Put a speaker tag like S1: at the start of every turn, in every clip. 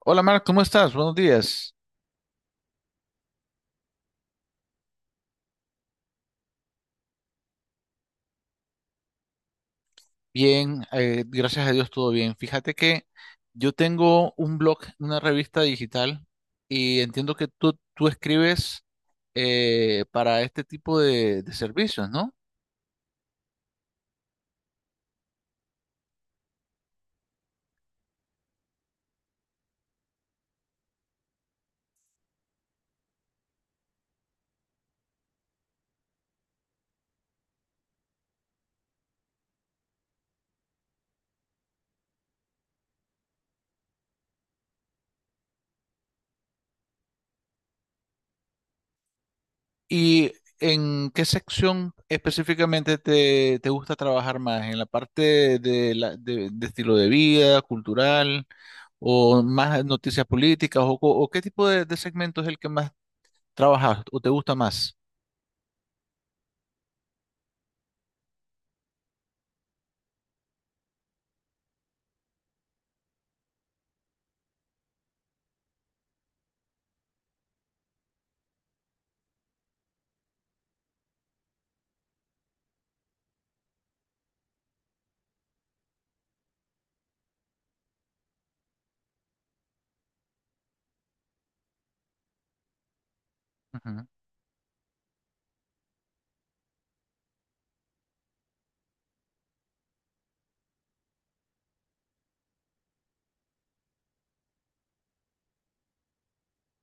S1: Hola Marc, ¿cómo estás? Buenos días. Bien, gracias a Dios todo bien. Fíjate que yo tengo un blog, una revista digital y entiendo que tú escribes para este tipo de servicios, ¿no? ¿Y en qué sección específicamente te gusta trabajar más? ¿En la parte de estilo de vida, cultural o más noticias políticas o qué tipo de segmento es el que más trabajas o te gusta más?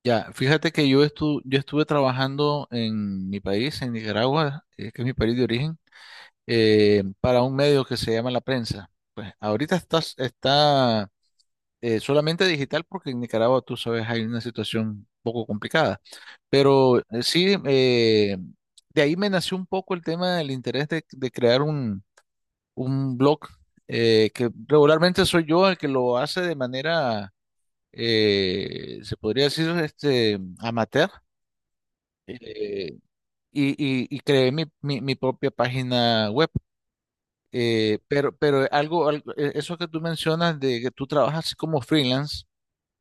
S1: Ya, fíjate que yo estuve trabajando en mi país, en Nicaragua, que es mi país de origen, para un medio que se llama La Prensa. Pues ahorita está solamente digital porque en Nicaragua, tú sabes, hay una situación un poco complicada. Pero sí, de ahí me nació un poco el tema del interés de crear un blog, que regularmente soy yo el que lo hace de manera, se podría decir, este, amateur. Eh, y, y- y creé mi propia página web. Pero eso que tú mencionas de que tú trabajas como freelance,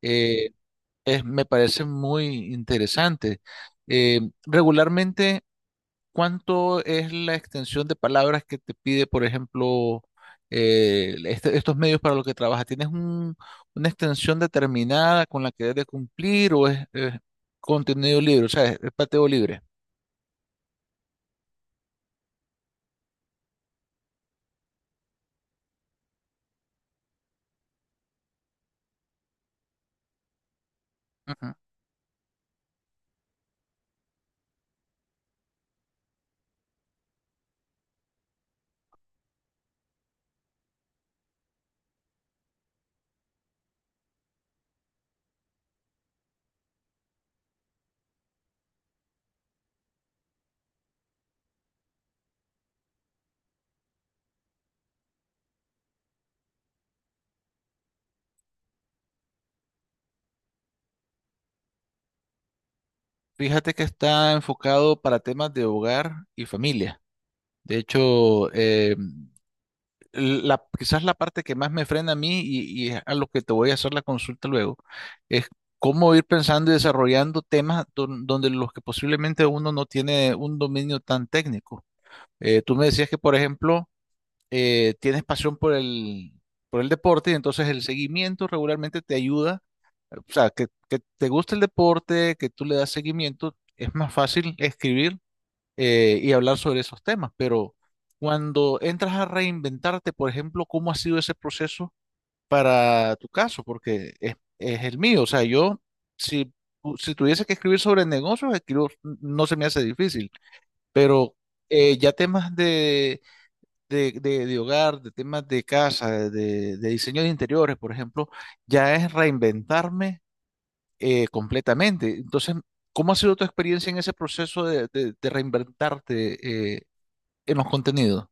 S1: eh, me parece muy interesante. Regularmente, ¿cuánto es la extensión de palabras que te pide, por ejemplo, estos medios para los que trabajas? ¿Tienes una extensión determinada con la que debes de cumplir o es contenido libre? O sea, es pateo libre. Fíjate que está enfocado para temas de hogar y familia. De hecho, la, quizás la parte que más me frena a mí y es a lo que te voy a hacer la consulta luego, es cómo ir pensando y desarrollando temas donde los que posiblemente uno no tiene un dominio tan técnico. Tú me decías que, por ejemplo, tienes pasión por por el deporte y entonces el seguimiento regularmente te ayuda. O sea, que te gusta el deporte, que tú le das seguimiento, es más fácil escribir y hablar sobre esos temas, pero cuando entras a reinventarte, por ejemplo, ¿cómo ha sido ese proceso para tu caso? Porque es el mío, o sea, yo, si, si tuviese que escribir sobre negocios, no se me hace difícil, pero ya temas de hogar, de temas de casa, de diseño de interiores, por ejemplo, ya es reinventarme completamente. Entonces, ¿cómo ha sido tu experiencia en ese proceso de reinventarte? En los contenidos.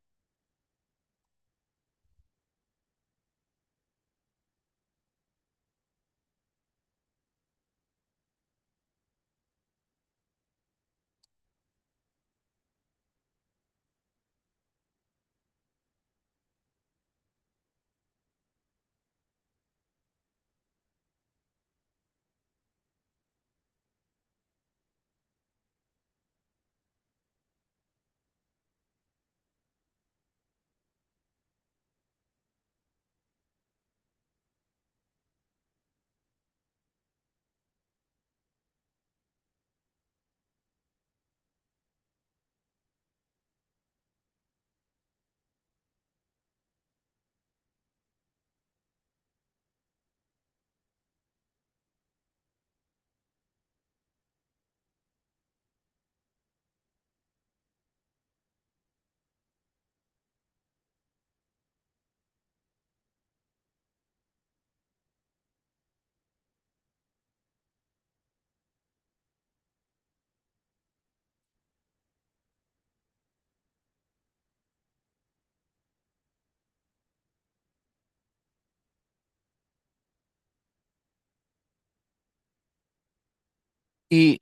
S1: Y,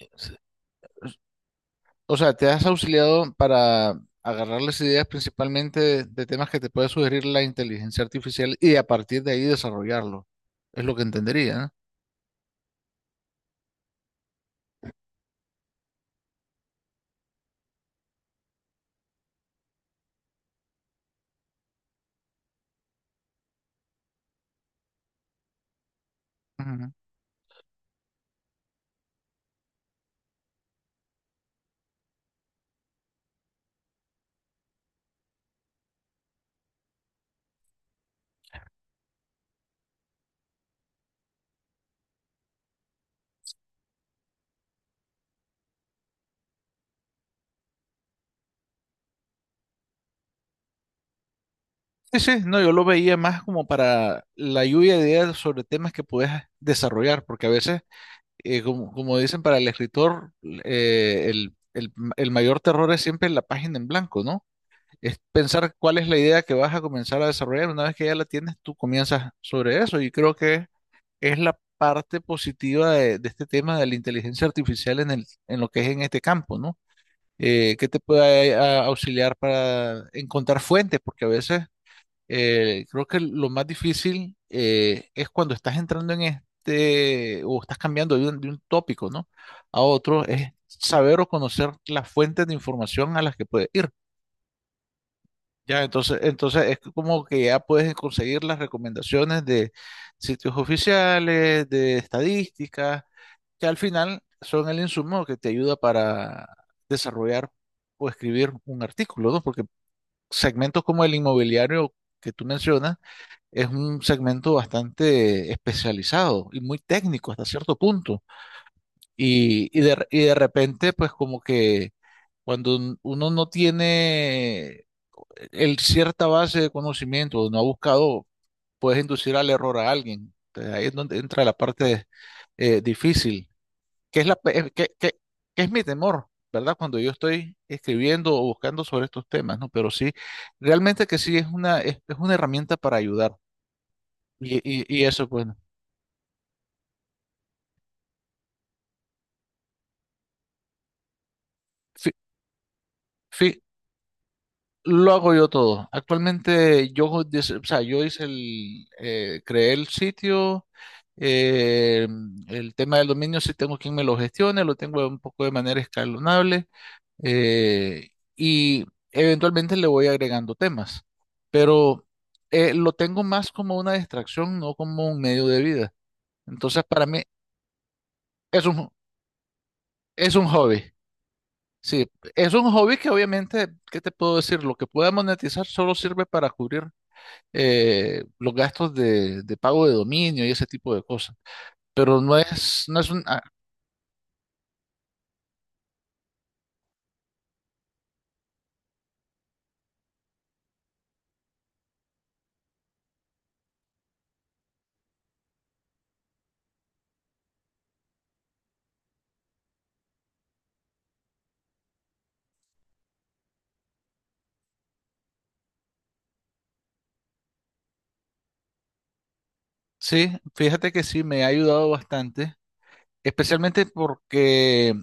S1: o sea, te has auxiliado para agarrar las ideas principalmente de temas que te puede sugerir la inteligencia artificial y a partir de ahí desarrollarlo. Es lo que entendería, ¿no? Ujú. Sí, sí, no, yo lo veía más como para la lluvia de ideas sobre temas que puedes desarrollar, porque a veces, como, como dicen para el escritor, el, el mayor terror es siempre la página en blanco, ¿no? Es pensar cuál es la idea que vas a comenzar a desarrollar. Una vez que ya la tienes, tú comienzas sobre eso y creo que es la parte positiva de este tema de la inteligencia artificial en el, en lo que es en este campo, ¿no? Que te puede auxiliar para encontrar fuentes, porque a veces creo que lo más difícil es cuando estás entrando en este o estás cambiando de de un tópico, ¿no? A otro, es saber o conocer las fuentes de información a las que puedes ir. Ya, entonces es como que ya puedes conseguir las recomendaciones de sitios oficiales, de estadísticas, que al final son el insumo que te ayuda para desarrollar o escribir un artículo, ¿no? Porque segmentos como el inmobiliario que tú mencionas es un segmento bastante especializado y muy técnico hasta cierto punto. Y de repente, pues como que cuando uno no tiene el cierta base de conocimiento no ha buscado, puedes inducir al error a alguien. Entonces, ahí es donde entra la parte difícil, que es la pe- que es mi temor, ¿verdad? Cuando yo estoy escribiendo o buscando sobre estos temas, ¿no? Pero sí, realmente que sí es una herramienta para ayudar. Y eso, bueno. Lo hago yo todo. Actualmente yo, o sea, yo hice el, creé el sitio, eh, el tema del dominio sí tengo quien me lo gestione, lo tengo un poco de manera escalonable eh, y eventualmente le voy agregando temas, pero lo tengo más como una distracción, no como un medio de vida. Entonces para mí es un, es un hobby. Sí, es un hobby que obviamente, ¿qué te puedo decir? Lo que pueda monetizar solo sirve para cubrir los gastos de pago de dominio y ese tipo de cosas. Pero no es, no es un... ah, sí, fíjate que sí, me ha ayudado bastante, especialmente porque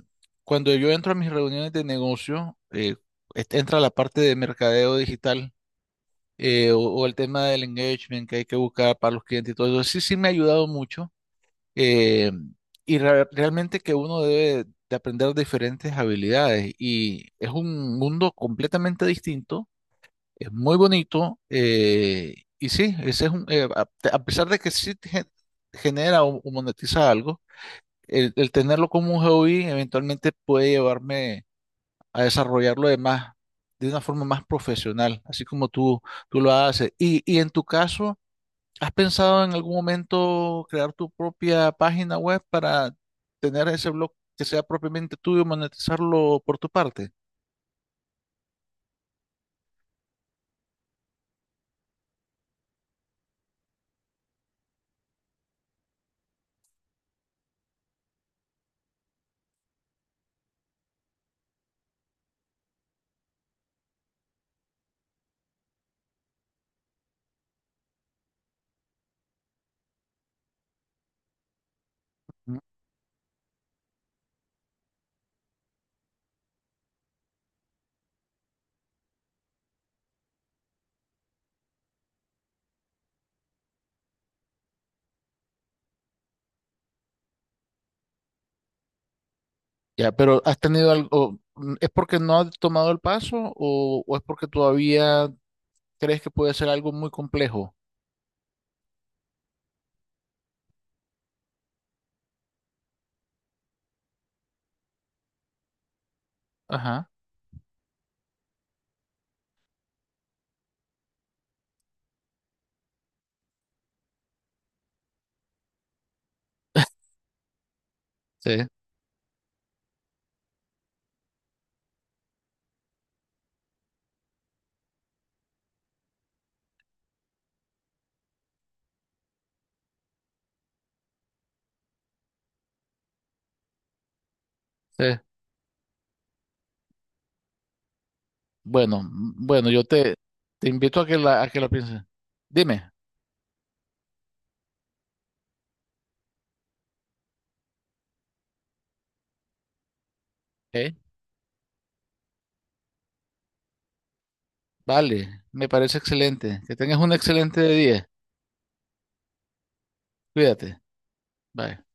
S1: cuando yo entro a mis reuniones de negocio, entra la parte de mercadeo digital o el tema del engagement que hay que buscar para los clientes y todo eso. Sí, sí me ha ayudado mucho. eh, realmente que uno debe de aprender diferentes habilidades y es un mundo completamente distinto. Es muy bonito y sí, ese es un, a pesar de que sí te genera o monetiza algo, el tenerlo como un hobby eventualmente puede llevarme a desarrollarlo de más, de una forma más profesional, así como tú lo haces. Y en tu caso, ¿has pensado en algún momento crear tu propia página web para tener ese blog que sea propiamente tuyo y monetizarlo por tu parte? Ya, pero ¿has tenido algo? ¿Es porque no has tomado el paso o es porque todavía crees que puede ser algo muy complejo? Ajá, sí, sí. Bueno, bueno, yo te, te invito a que la pienses. Dime. ¿Eh? Vale, me parece excelente. Que tengas un excelente día. Cuídate. Bye.